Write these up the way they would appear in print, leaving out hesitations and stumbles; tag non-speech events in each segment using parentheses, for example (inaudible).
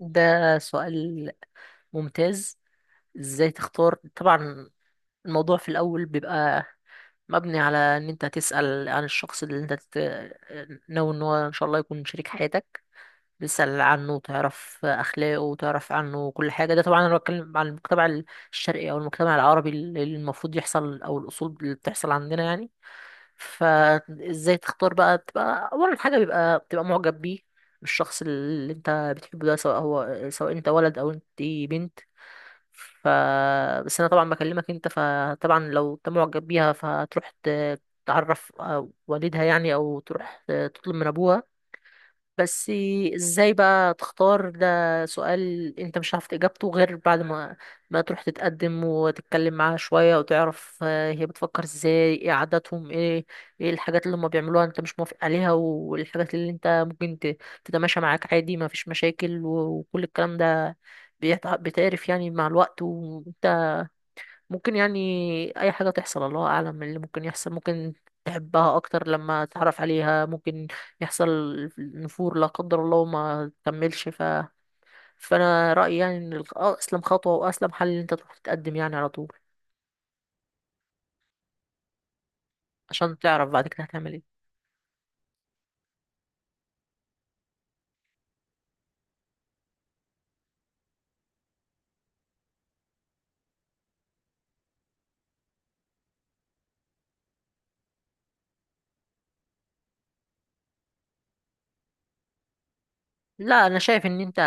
ده سؤال ممتاز. ازاي تختار؟ طبعا، الموضوع في الاول بيبقى مبني على ان انت تسأل عن الشخص اللي انت ناوي ان هو ان شاء الله يكون شريك حياتك، تسأل عنه وتعرف اخلاقه وتعرف عنه كل حاجة. ده طبعا انا بتكلم عن المجتمع الشرقي او المجتمع العربي، اللي المفروض يحصل او الاصول اللي بتحصل عندنا يعني. فازاي تختار بقى؟ بتبقى اول حاجه بتبقى معجب بيه، بالشخص اللي انت بتحبه ده، سواء انت ولد او انت بنت. ف بس انا طبعا بكلمك انت، فطبعا لو انت معجب بيها فهتروح تعرف والدها يعني، او تروح تطلب من ابوها بس. ازاي بقى تختار؟ ده سؤال انت مش عارف اجابته غير بعد ما تروح تتقدم وتتكلم معاها شوية، وتعرف هي بتفكر ازاي، ايه عاداتهم، ايه الحاجات اللي هم بيعملوها انت مش موافق عليها، والحاجات اللي انت ممكن تتماشى معاك عادي، ما فيش مشاكل وكل الكلام ده بيتعرف يعني مع الوقت. ممكن يعني اي حاجه تحصل، الله اعلم من اللي ممكن يحصل. ممكن تحبها اكتر لما تتعرف عليها، ممكن يحصل نفور لا قدر الله وما تكملش فانا رايي يعني ان اسلم خطوه واسلم حل ان انت تروح تتقدم يعني على طول، عشان تعرف بعد كده هتعمل ايه. لا، انا شايف ان انت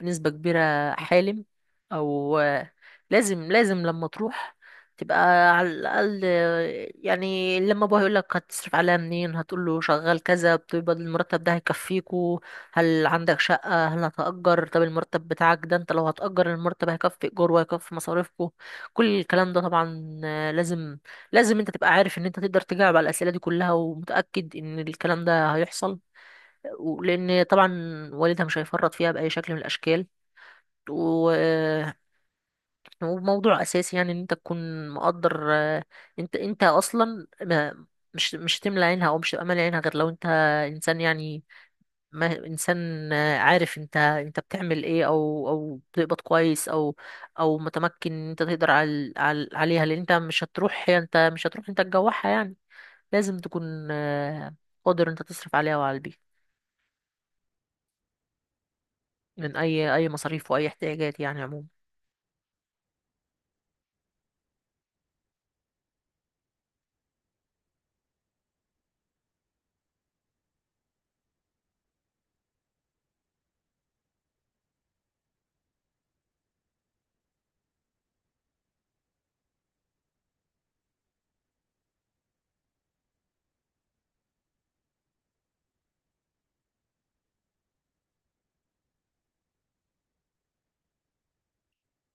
بنسبة كبيرة حالم. او لازم لازم لما تروح تبقى على الاقل، يعني لما ابوها يقول لك هتصرف عليها منين، هتقول له شغال كذا، بتقبض المرتب ده هيكفيكو؟ هل عندك شقة؟ هل هتأجر؟ طب المرتب بتاعك ده انت لو هتأجر، المرتب هيكفي ايجار وهيكفي مصاريفكو؟ كل الكلام ده طبعا لازم. لازم انت تبقى عارف ان انت تقدر تجاوب على الأسئلة دي كلها، ومتأكد ان الكلام ده هيحصل، لان طبعا والدها مش هيفرط فيها باي شكل من الاشكال و... وموضوع اساسي يعني ان انت تكون مقدر. انت اصلا ما مش هتملى عينها، او مش هتبقى مالي عينها غير لو انت انسان يعني، ما انسان عارف انت بتعمل ايه، او بتقبض كويس، او متمكن ان انت تقدر على عليها، لان انت مش هتروح انت تجوعها يعني. لازم تكون قادر انت تصرف عليها وعلى البيت من اي مصاريف واي احتياجات يعني عموما.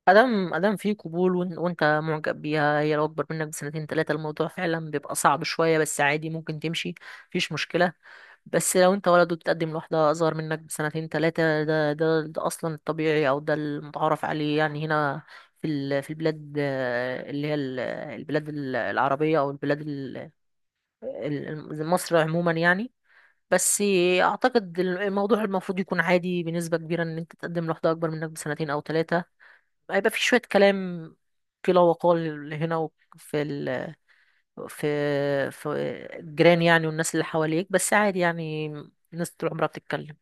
ادم في قبول وانت معجب بيها، هي لو اكبر منك بسنتين ثلاثه الموضوع فعلا بيبقى صعب شويه، بس عادي ممكن تمشي، مفيش مشكله. بس لو انت ولد وبتقدم لواحده اصغر منك بسنتين ثلاثه، ده اصلا الطبيعي، او ده المتعارف عليه يعني هنا في البلاد، اللي هي البلاد العربيه، او البلاد مصر عموما يعني. بس اعتقد الموضوع المفروض يكون عادي بنسبة كبيرة، ان انت تقدم لواحدة اكبر منك بسنتين او ثلاثة. هيبقى في شوية كلام في لا وقال هنا في في الجيران يعني، والناس اللي حواليك، بس عادي يعني، الناس طول عمرها بتتكلم.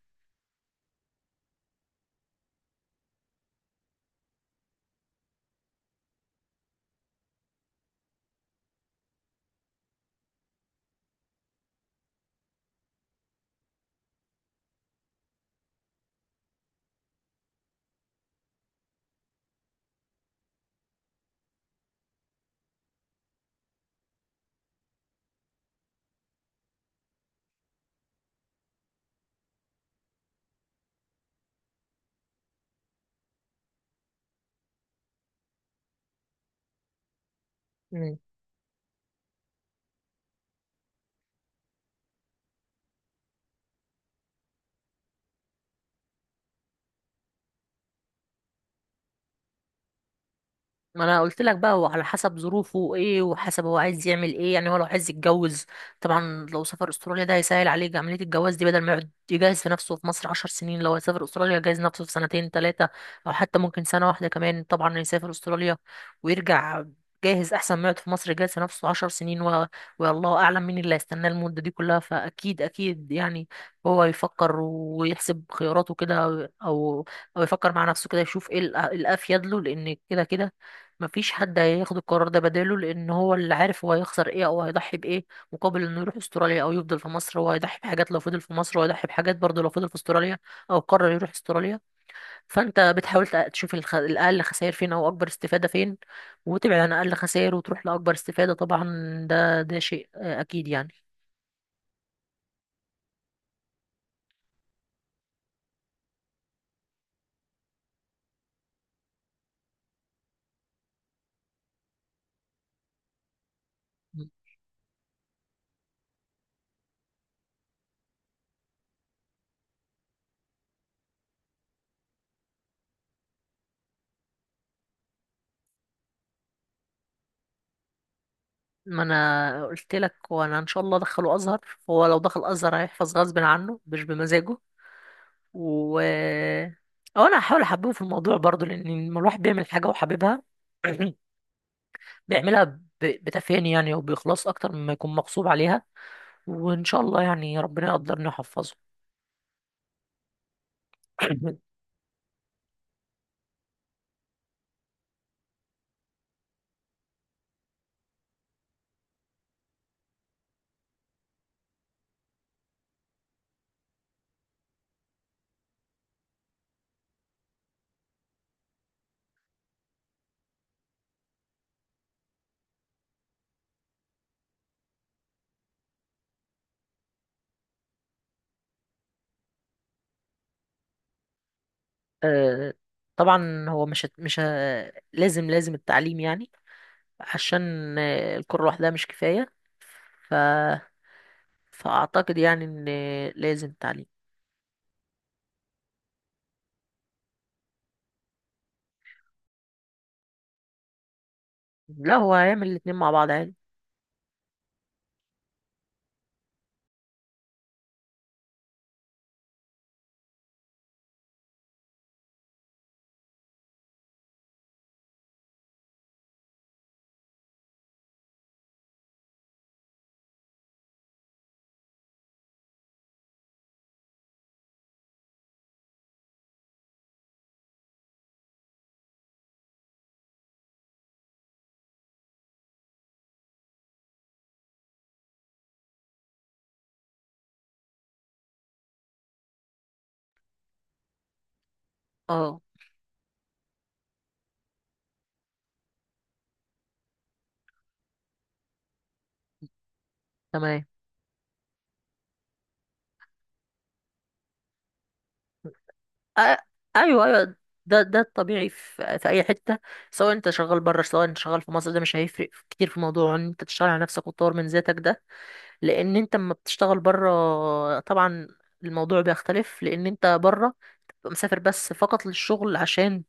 ما انا قلت لك بقى، هو على حسب ظروفه ايه، وحسب هو عايز يعمل ايه يعني. هو لو عايز يتجوز، طبعا لو سافر استراليا ده هيسهل عليه عملية الجواز دي، بدل ما يقعد يجهز في نفسه في مصر 10 سنين، لو هيسافر استراليا يجهز نفسه في سنتين ثلاثة، او حتى ممكن سنة واحدة كمان طبعا. يسافر استراليا ويرجع جاهز، احسن ما يقعد في مصر يجهز في نفسه 10 سنين والله اعلم مين اللي هيستناه المدة دي كلها. فاكيد اكيد يعني، هو يفكر ويحسب خياراته كده، او او يفكر مع نفسه كده، يشوف ايه الافيد له، لان كده كده مفيش حد هياخد القرار ده بداله، لان هو اللي عارف هو هيخسر ايه او هيضحي بايه مقابل انه يروح استراليا او يفضل في مصر. هو هيضحي بحاجات لو فضل في مصر، وهيضحي بحاجات برضه لو فضل في استراليا او قرر يروح استراليا. فانت بتحاول تشوف الاقل خسائر فين او اكبر استفادة فين، وتبعد عن اقل خسائر وتروح لاكبر استفادة طبعا. ده شيء اكيد يعني. ما انا قلت لك، وانا ان شاء الله ادخله ازهر. هو لو دخل ازهر هيحفظ غصب عنه مش بمزاجه. و أو انا هحاول احببه في الموضوع برضو، لان لما الواحد بيعمل حاجه وحاببها (clears throat) بيعملها بتفاني يعني وبإخلاص اكتر مما يكون مغصوب عليها. وان شاء الله يعني ربنا يقدرني ويحفظه. (clears throat) آه، طبعا هو مش هت- مش ه- لازم لازم التعليم يعني، عشان الكرة لوحدها مش كفاية ف... فأعتقد يعني إن لازم تعليم. لا، هو هيعمل الاتنين مع بعض عادي. اه، تمام. أ- ايوه، ايوه. ده الطبيعي في اي حته، سواء انت شغال بره، سواء انت شغال في مصر، ده مش هيفرق كتير في موضوع ان انت تشتغل على نفسك وتطور من ذاتك ده. لان انت لما بتشتغل بره طبعا الموضوع بيختلف، لان انت بره بتبقى مسافر بس فقط للشغل، عشان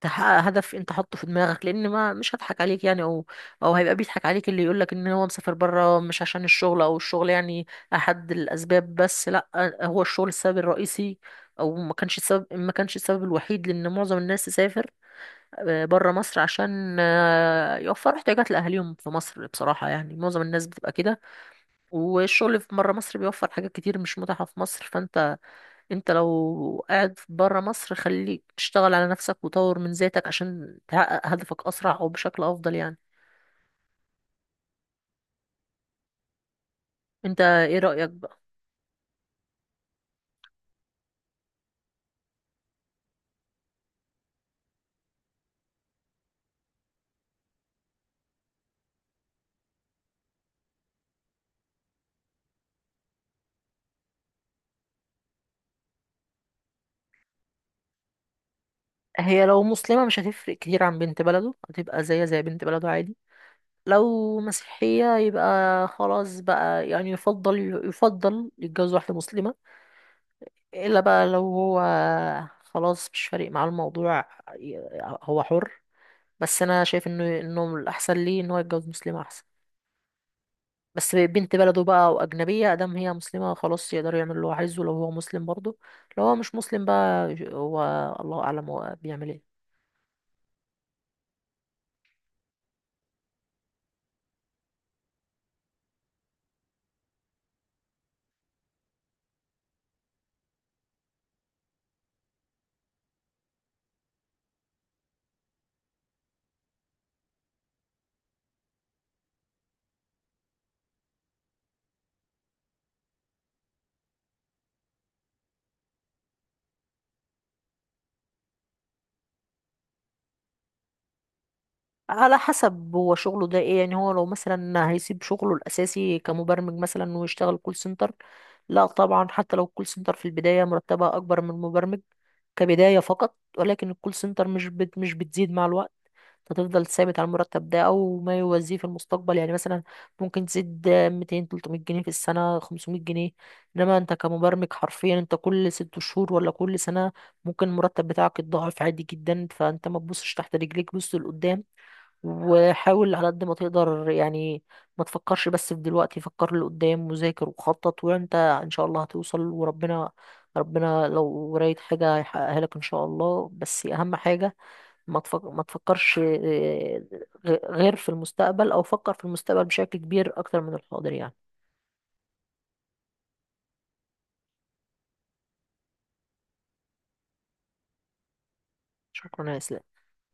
تحقق هدف انت حاطه في دماغك. لان ما مش هضحك عليك يعني، او هيبقى بيضحك عليك اللي يقولك ان هو مسافر بره مش عشان الشغل، او الشغل يعني احد الاسباب بس. لا، هو الشغل السبب الرئيسي، او ما كانش السبب الوحيد، لان معظم الناس تسافر بره مصر عشان يوفروا احتياجات لاهاليهم في مصر، بصراحة يعني. معظم الناس بتبقى كده، والشغل في بره مصر بيوفر حاجات كتير مش متاحة في مصر. انت لو قاعد بره مصر خليك تشتغل على نفسك وطور من ذاتك، عشان تحقق هدفك اسرع او بشكل افضل يعني. انت ايه رأيك بقى؟ هي لو مسلمة مش هتفرق كتير عن بنت بلده، هتبقى زي بنت بلده عادي. لو مسيحية يبقى خلاص بقى يعني، يفضل يتجوز واحدة مسلمة. الا بقى لو هو خلاص مش فارق معاه الموضوع، ي- هو حر. بس انا شايف انه الاحسن ليه ان هو يتجوز مسلمة احسن. بس بنت بلده بقى وأجنبية، أدام هي مسلمة خلاص يقدر يعمل اللي هو عايزه لو هو مسلم برضه. لو هو مش مسلم بقى، هو الله أعلم هو بيعمل ايه. على حسب هو شغله ده ايه يعني. هو لو مثلا هيسيب شغله الاساسي كمبرمج مثلا ويشتغل كول سنتر، لا طبعا. حتى لو الكول سنتر في البدايه مرتبها اكبر من المبرمج كبدايه فقط، ولكن الكول سنتر مش بتزيد مع الوقت، هتفضل ثابت على المرتب ده او ما يوازيه في المستقبل يعني. مثلا ممكن تزيد 200 300 جنيه في السنه، 500 جنيه. انما انت كمبرمج حرفيا، انت كل 6 شهور ولا كل سنه ممكن المرتب بتاعك يتضاعف عادي جدا. فانت ما تبصش تحت رجليك، بص لقدام وحاول على قد ما تقدر يعني. ما تفكرش بس في دلوقتي، فكر لقدام وذاكر وخطط وانت ان شاء الله هتوصل. وربنا ربنا لو رايت حاجة هيحققها لك ان شاء الله. بس اهم حاجة ما تفكرش غير في المستقبل، او فكر في المستقبل بشكل كبير اكتر من الحاضر يعني. شكرا يا اسلام.